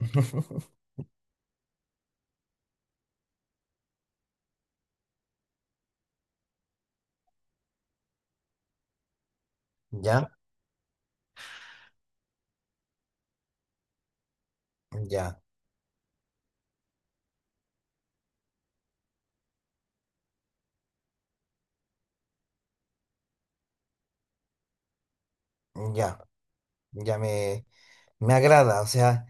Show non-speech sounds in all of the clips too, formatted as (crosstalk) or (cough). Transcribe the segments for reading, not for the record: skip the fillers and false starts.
(laughs) Ya, ya, ya, ya me agrada. O sea,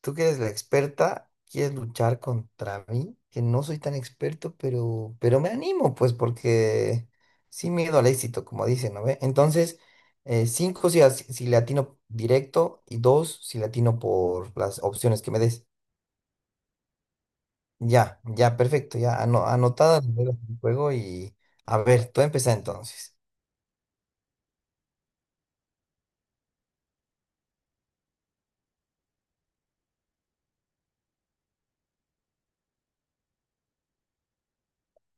tú que eres la experta, quieres luchar contra mí, que no soy tan experto, pero me animo, pues, porque sin miedo al éxito, como dicen, ¿no ve? Entonces, cinco si le atino directo y dos si le atino por las opciones que me des. Ya, ya, perfecto, ya anotada las reglas del juego y a ver, tú empieza entonces.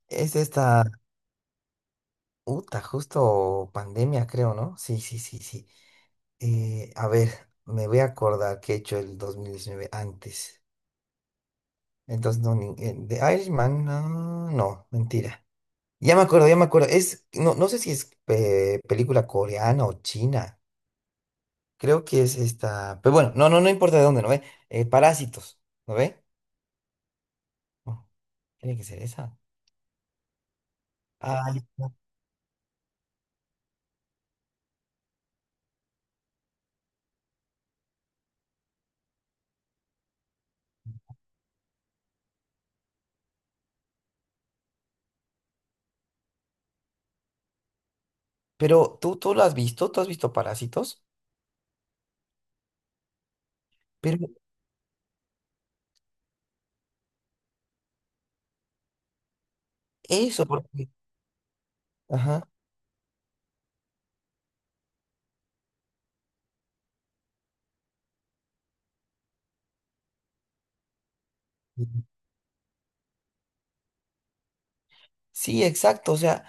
Es esta. Uta, justo pandemia, creo, ¿no? Sí, sí, sí, sí. A ver, me voy a acordar qué he hecho el 2019 antes. Entonces, no, de Irishman, no, no, mentira. Ya me acuerdo, ya me acuerdo. No, no sé si es película coreana o china. Creo que es esta. Pero bueno, no, no, no importa de dónde, ¿no ve? Parásitos, ¿no ve? No, tiene que ser esa. Ay, no. Pero tú lo has visto, tú has visto Parásitos, pero eso, porque. Ajá. Sí, exacto. O sea,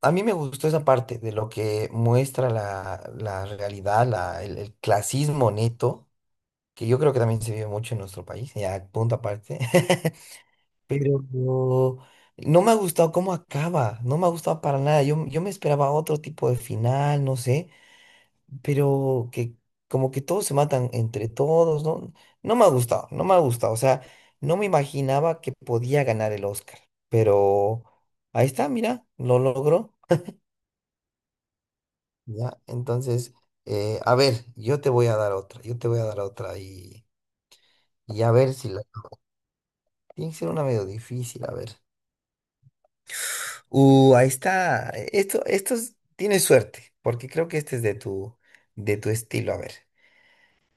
a mí me gustó esa parte de lo que muestra la realidad, el clasismo neto, que yo creo que también se vive mucho en nuestro país, ya punto aparte. (laughs) Pero no me ha gustado cómo acaba, no me ha gustado para nada. Yo me esperaba otro tipo de final, no sé pero que como que todos se matan entre todos, ¿no? No me ha gustado, no me ha gustado, o sea, no me imaginaba que podía ganar el Oscar, pero ahí está, mira, lo logró, ¿ya? Entonces, a ver, yo te voy a dar otra, yo te voy a dar otra y a ver si la... Tiene que ser una medio difícil, a ver. Ahí está, esto, tienes suerte, porque creo que este es de tu estilo, a ver.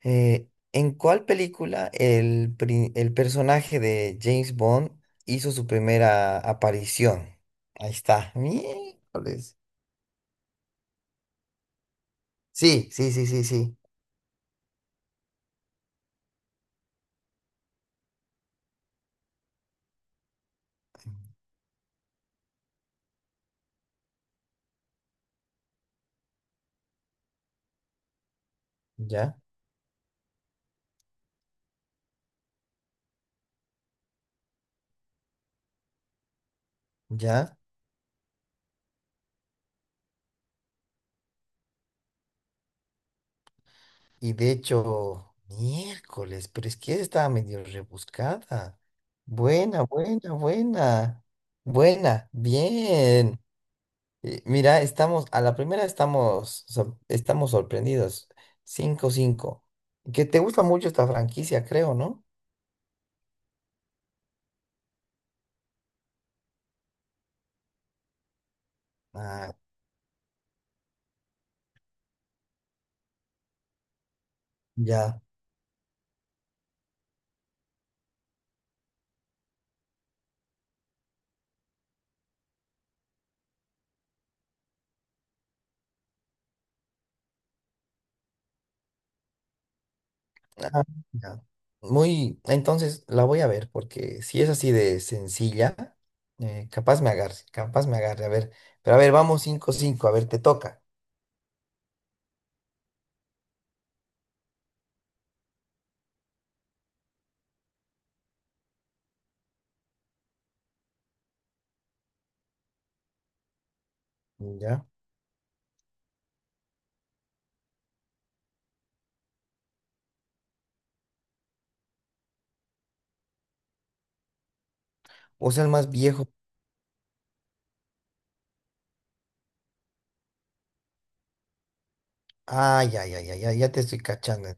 ¿En cuál película el personaje de James Bond hizo su primera aparición? Ahí está. Miércoles. Sí, sí, sí, sí, sí. Ya, ya. Y de hecho, miércoles, pero es que estaba medio rebuscada. Buena, buena, buena. Buena, bien. Mira, estamos, a la primera estamos, estamos sorprendidos. 5-5. Que te gusta mucho esta franquicia, creo, ¿no? Ah, ya. Ah, ya. Entonces la voy a ver, porque si es así de sencilla, capaz me agarre, capaz me agarre. A ver, pero a ver, vamos 5-5, a ver, te toca. Ya. O sea, el más viejo. Ay, ay, ay, ay, ay, ya te estoy cachando.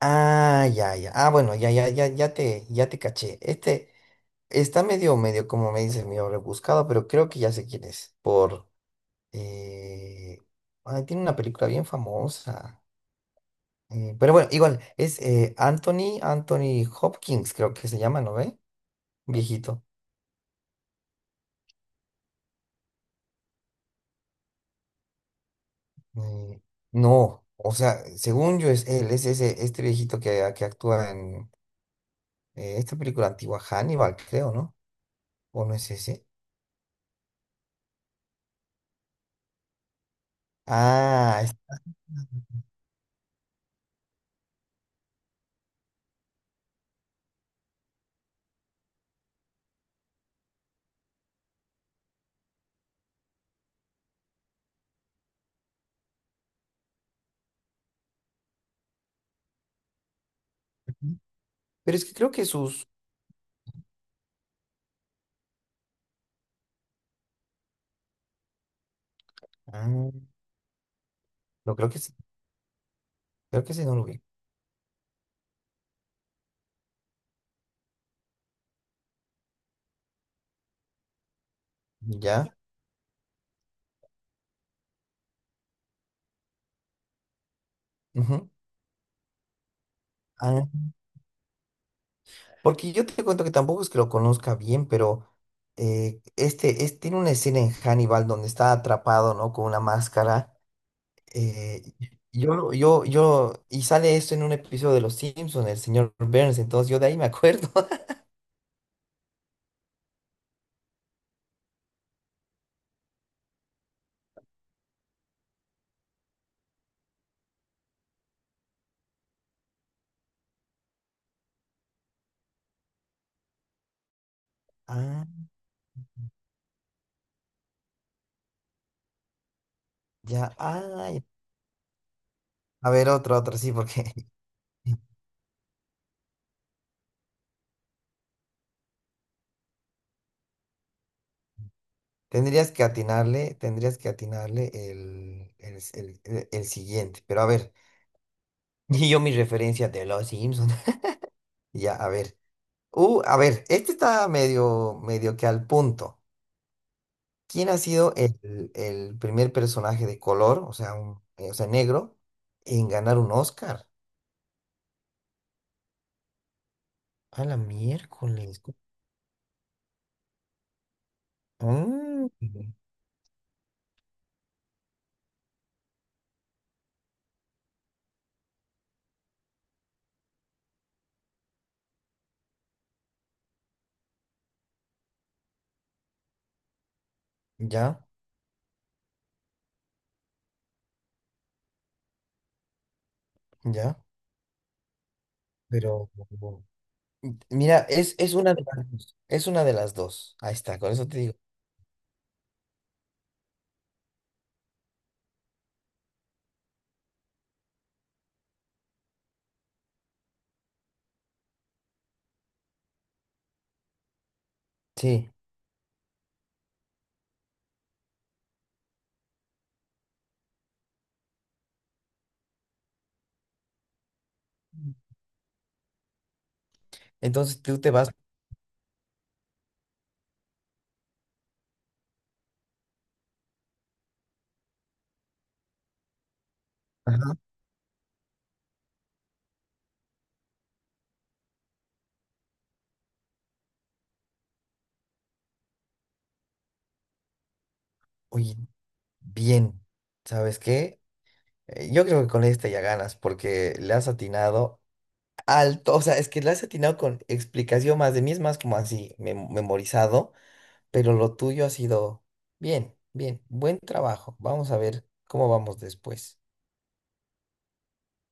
Ah, ya, ya. Ah, bueno, ya, ya, ya, ya te caché. Este está medio, medio, como me dices, medio rebuscado, pero creo que ya sé quién es. Por. Eh, ay, tiene una película bien famosa. Pero bueno, igual, es Anthony Hopkins, creo que se llama, ¿no ve? Viejito. Eh, no, o sea, según yo es él, es ese, este viejito que actúa en esta película antigua, Hannibal, creo, ¿no? ¿O no es ese? Ah, es. Pero es que creo que sus... Ah, no, creo que sí, creo que sí, no lo vi. ¿Ya? Ujú. Ah, porque yo te cuento que tampoco es que lo conozca bien, pero este, tiene una escena en Hannibal donde está atrapado, ¿no? Con una máscara. eh, y yo, lo- yo, y sale esto en un episodio de Los Simpsons, el señor Burns, entonces yo de ahí me acuerdo. (laughs) Ah, ya, ay. A ver, otra, otra, sí, porque... (laughs) Tendrías que atinarle el siguiente. Pero a ver, (laughs) y yo mi referencia de los Simpsons. (laughs) Ya, a ver. A ver, este está medio, medio que al punto. ¿Quién ha sido el primer personaje de color, o sea, o sea, negro, en ganar un Oscar? A la miércoles. Mm, ya, ya. Pero mira, es una de las dos. Es una de las dos. Ahí está, con eso te digo. Sí. Entonces tú te vas. Ajá. Oye, bien, ¿sabes qué? Yo creo que con esta ya ganas, porque le has atinado alto, o sea, es que le has atinado con explicación más de mí, es más como así, memorizado, pero lo tuyo ha sido bien, bien, buen trabajo. Vamos a ver cómo vamos después.